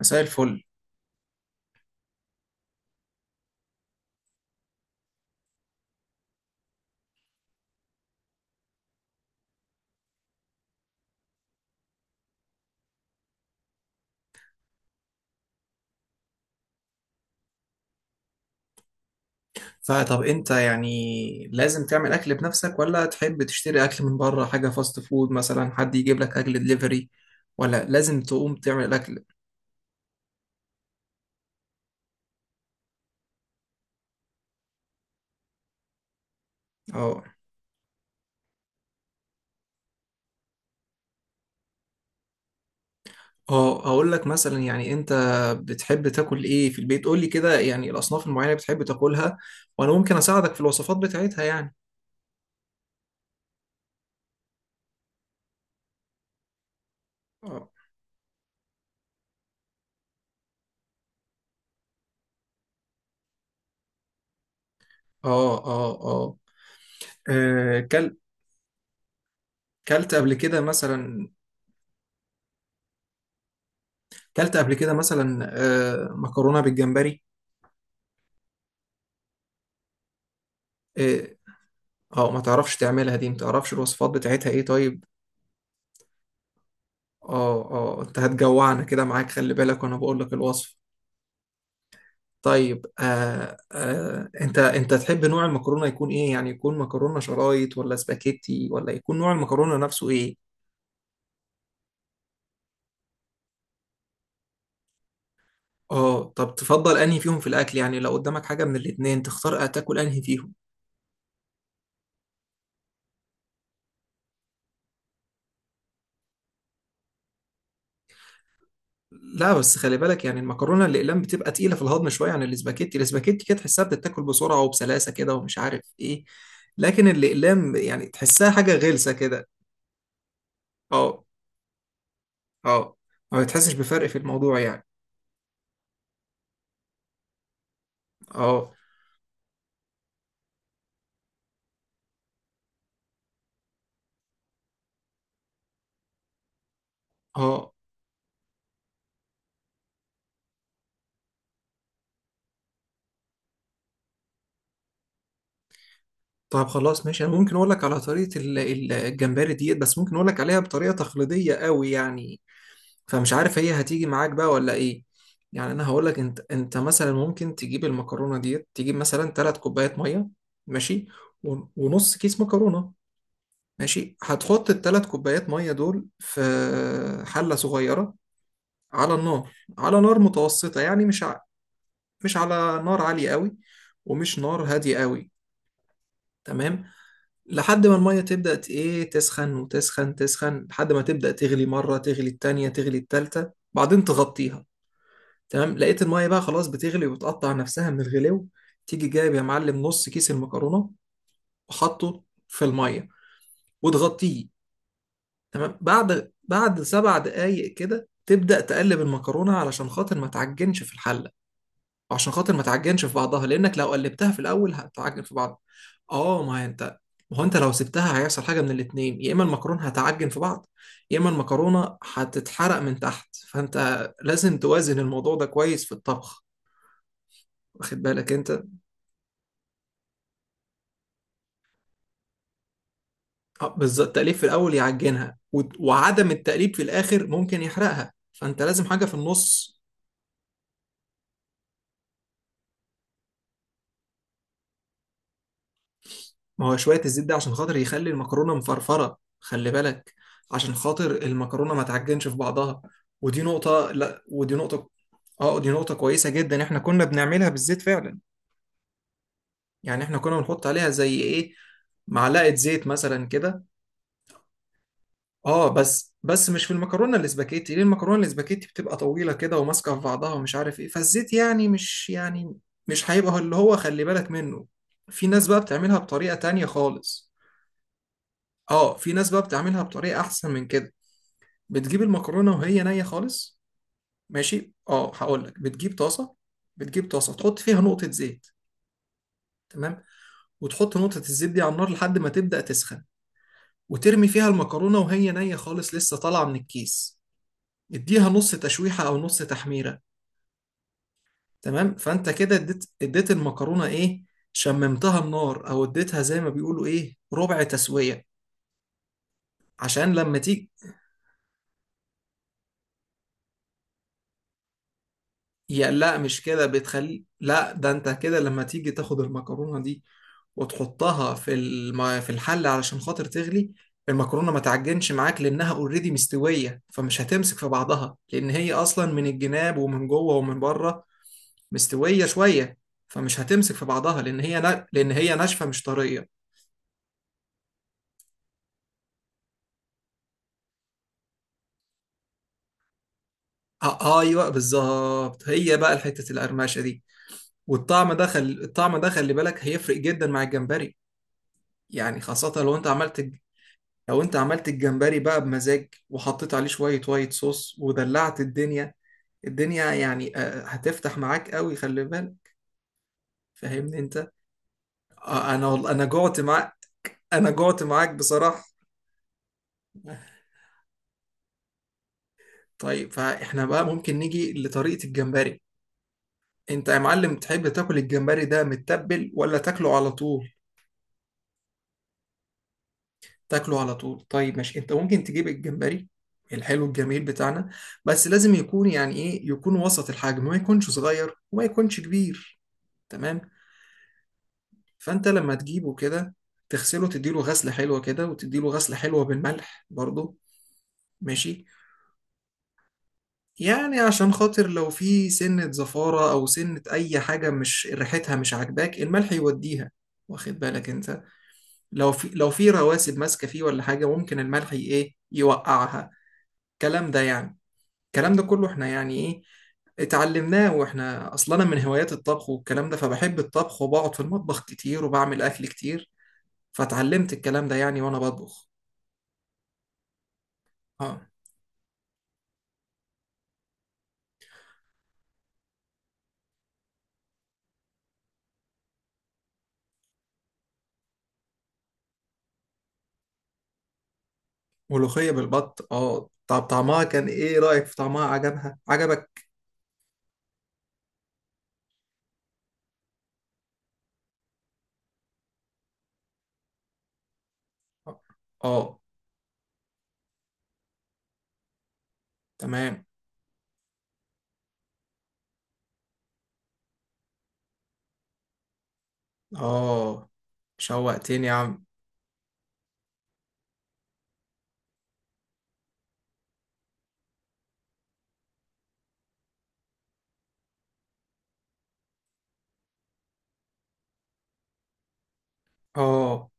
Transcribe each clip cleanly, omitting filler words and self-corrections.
مساء الفل. فطب انت يعني لازم تعمل اكل بنفسك، ولا تحب تشتري اكل من بره، حاجه فاست فود مثلا، حد يجيب لك اكل دليفري، ولا لازم تقوم تعمل الاكل؟ اه اه، هقول لك مثلا، يعني انت بتحب تاكل ايه في البيت؟ قول لي كده، يعني الاصناف المعينه اللي بتحب تاكلها، وانا ممكن اساعدك في الوصفات بتاعتها يعني. اه اه اه اه آه، كل كلت قبل كده مثلا كلت قبل كده مثلا مكرونه بالجمبري. آه، اه ما تعرفش تعملها دي؟ ما تعرفش الوصفات بتاعتها؟ ايه طيب، اه، انت هتجوعنا كده معاك، خلي بالك، وانا بقول لك الوصف. طيب انت تحب نوع المكرونه يكون ايه؟ يعني يكون مكرونه شرايط، ولا سباكيتي، ولا يكون نوع المكرونه نفسه ايه؟ اه، طب تفضل انهي فيهم في الاكل؟ يعني لو قدامك حاجه من الاتنين، تختار تاكل انهي فيهم؟ لا بس خلي بالك، يعني المكرونه الاقلام بتبقى تقيله في الهضم شويه عن الاسباجيتي. الاسباجيتي كده تحسها بتتاكل بسرعه وبسلاسه كده ومش عارف ايه، لكن الاقلام يعني تحسها حاجه غلسه كده. اه اه، ما بتحسش بفرق في الموضوع يعني. اه اه، طب خلاص ماشي، انا ممكن اقول لك على طريقه الجمبري ديت، بس ممكن اقول لك عليها بطريقه تقليديه قوي يعني، فمش عارف هي هتيجي معاك بقى ولا ايه. يعني انا هقول لك، انت مثلا ممكن تجيب المكرونه ديت، تجيب مثلا 3 كوبايات ميه ماشي، ونص كيس مكرونه. ماشي، هتحط الـ 3 كوبايات ميه دول في حله صغيره على النار، على نار متوسطه يعني، مش على نار عاليه قوي، ومش نار هاديه قوي، تمام. لحد ما الميه تبدا ت- ايه تسخن وتسخن تسخن لحد ما تبدا تغلي، مره تغلي التانيه، تغلي التالته، بعدين تغطيها. تمام، لقيت المية بقى خلاص بتغلي، وبتقطع نفسها من الغلو، تيجي جايب يا معلم نص كيس المكرونة وحطه في المية وتغطيه. تمام، بعد 7 دقايق كده تبدأ تقلب المكرونة علشان خاطر ما تعجنش في الحلة، وعشان خاطر ما تعجنش في بعضها، لأنك لو قلبتها في الأول هتعجن في بعض. اه ما هي انت ما هو انت لو سبتها هيحصل حاجة من الاتنين: يا اما المكرونة هتعجن في بعض، يا اما المكرونة هتتحرق من تحت، فانت لازم توازن الموضوع ده كويس في الطبخ، واخد بالك انت. بالظبط، التقليب في الاول يعجنها، وعدم التقليب في الاخر ممكن يحرقها، فانت لازم حاجه في النص. ما هو شويه الزيت ده عشان خاطر يخلي المكرونه مفرفره، خلي بالك، عشان خاطر المكرونه ما تعجنش في بعضها. ودي نقطه لا ودي نقطه. اه، دي نقطه كويسه جدا، احنا كنا بنعملها بالزيت فعلا، يعني احنا كنا بنحط عليها زي ايه، معلقه زيت مثلا كده. اه، بس مش في المكرونه الاسباجيتي، ليه؟ المكرونه الاسباجيتي بتبقى طويله كده، وماسكه في بعضها، ومش عارف ايه، فالزيت يعني مش يعني مش هيبقى اللي هو خلي بالك منه. في ناس بقى بتعملها بطريقه تانية خالص، اه، في ناس بقى بتعملها بطريقه احسن من كده، بتجيب المكرونه وهي نيه خالص. ماشي، اه، هقول لك، بتجيب طاسه، بتجيب طاسه تحط فيها نقطه زيت، تمام، وتحط نقطه الزيت دي على النار لحد ما تبدا تسخن، وترمي فيها المكرونه وهي نيه خالص، لسه طالعه من الكيس، اديها نص تشويحة أو نص تحميرة. تمام، فأنت كده اديت المكرونة إيه، شممتها النار، أو اديتها زي ما بيقولوا إيه ربع تسوية، عشان لما تيجي، يا لا مش كده بتخلي، لا، ده انت كده لما تيجي تاخد المكرونة دي وتحطها في الحل علشان خاطر تغلي، المكرونة ما تعجنش معاك، لأنها اوريدي مستوية، فمش هتمسك في بعضها، لأن هي أصلا من الجناب ومن جوه ومن بره مستويه شويه، فمش هتمسك في بعضها لان هي ناشفه مش طريه. آه ايوه، بالظبط، هي بقى حته القرمشه دي، الطعم ده خلي بالك هيفرق جدا مع الجمبري، يعني خاصه لو انت عملت لو انت عملت الجمبري بقى بمزاج، وحطيت عليه شويه وايت صوص، ودلعت الدنيا، الدنيا يعني هتفتح معاك قوي خلي بالك، فاهمني انت. انا جعت معاك، بصراحه. طيب، فاحنا بقى ممكن نيجي لطريقه الجمبري. انت يا معلم تحب تاكل الجمبري ده متبل، ولا تاكله على طول؟ تاكله على طول، طيب ماشي، انت ممكن تجيب الجمبري الحلو الجميل بتاعنا، بس لازم يكون يعني ايه، يكون وسط الحجم، ما يكونش صغير وما يكونش كبير، تمام. فانت لما تجيبه كده، تغسله، تديله غسلة حلوة كده، وتديله غسلة حلوة بالملح برضه، ماشي. يعني عشان خاطر لو في سنة زفارة، أو سنة أي حاجة مش ريحتها مش عاجباك، الملح يوديها، واخد بالك أنت. لو في لو في رواسب ماسكه فيه ولا حاجه، ممكن الملح ي- ايه يوقعها، الكلام ده يعني. الكلام ده كله احنا يعني ايه اتعلمناه، واحنا اصلا، انا من هوايات الطبخ والكلام ده، فبحب الطبخ، وبقعد في المطبخ كتير، وبعمل اكل كتير، فاتعلمت الكلام ده يعني وانا بطبخ. اه، ملوخية بالبط، اه، طب طعمها كان ايه، رأيك في طعمها، عجبها عجبك؟ اه، آه. تمام. اه، شوقتني يا عم. اه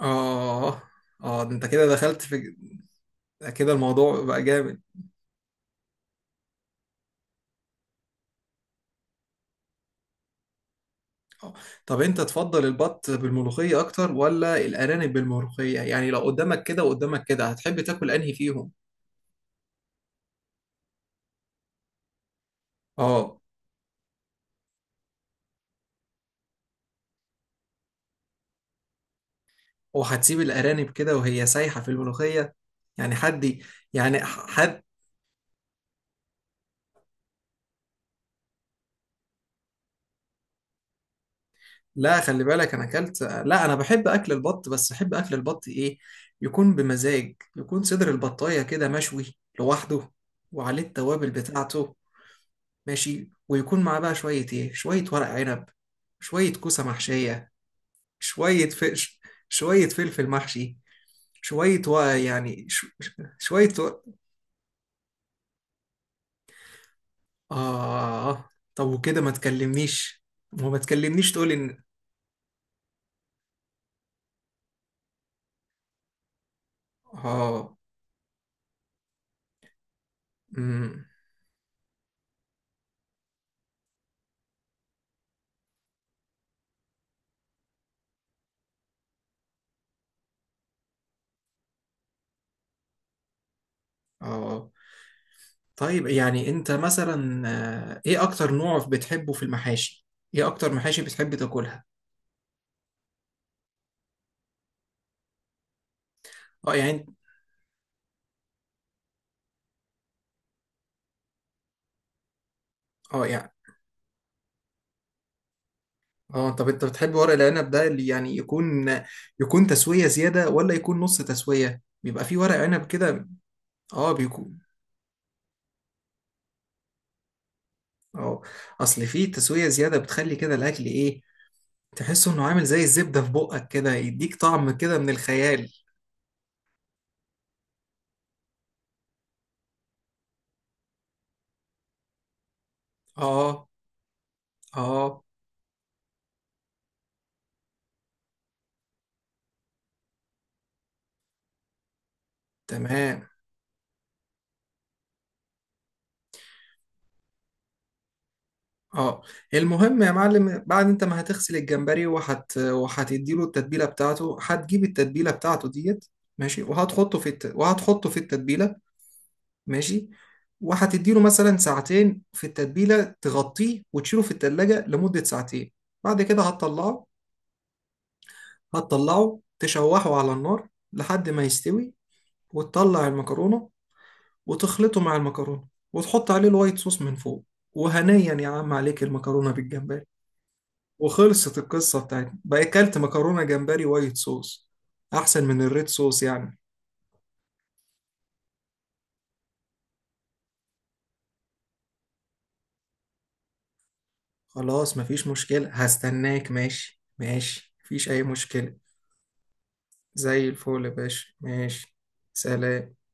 اه اه، ده انت كده دخلت في كده، الموضوع بقى جامد. آه. طب انت تفضل البط بالملوخية اكتر، ولا الارانب بالملوخية؟ يعني لو قدامك كده وقدامك كده، هتحب تاكل انهي فيهم؟ اه، وهتسيب الارانب كده وهي سايحة في الملوخية؟ يعني حد ي- يعني ح- حد، لا خلي بالك، انا اكلت، لا، انا بحب اكل البط، بس بحب اكل البط ايه، يكون بمزاج، يكون صدر البطاية كده مشوي لوحده، وعليه التوابل بتاعته، ماشي، ويكون معاه بقى شوية ايه، شوية ورق عنب، شوية كوسة محشية، شوية ف... ش- شوية فلفل محشي، شوية و... يعني ش... شوية و... آه طب وكده ما تكلمنيش، وما تكلمنيش تقولي إن، آه أمم، آه طيب يعني أنت مثلا إيه أكتر نوع بتحبه في المحاشي؟ إيه أكتر محاشي بتحب تاكلها؟ آه يعني آه يعني طب أنت بتحب ورق العنب ده اللي يعني يكون، يكون تسوية زيادة ولا يكون نص تسوية؟ بيبقى فيه ورق عنب كده. آه بيكون، اه، اصل في تسوية زيادة بتخلي كده الاكل ايه، تحسه انه عامل زي الزبدة في بقك كده، يديك طعم كده من الخيال. اه اه، تمام. اه، المهم يا معلم، بعد انت ما هتغسل الجمبري، وهتديله التتبيلة بتاعته، هتجيب التتبيلة بتاعته ديت ماشي، وهتحطه في التتبيلة، ماشي، وهتديله مثلا ساعتين في التتبيلة، تغطيه وتشيله في التلاجة لمدة ساعتين، بعد كده هتطلعه، هتطلعه تشوحه على النار لحد ما يستوي، وتطلع المكرونة، وتخلطه مع المكرونة، وتحط عليه الوايت صوص من فوق، وهنيا يا عم عليك المكرونة بالجمبري، وخلصت القصة بتاعتنا بقى، أكلت مكرونة جمبري وايت صوص، أحسن من الريد صوص يعني. خلاص مفيش مشكلة، هستناك، ماشي ماشي، مفيش أي مشكلة. زي الفل يا باشا، ماشي، سلام.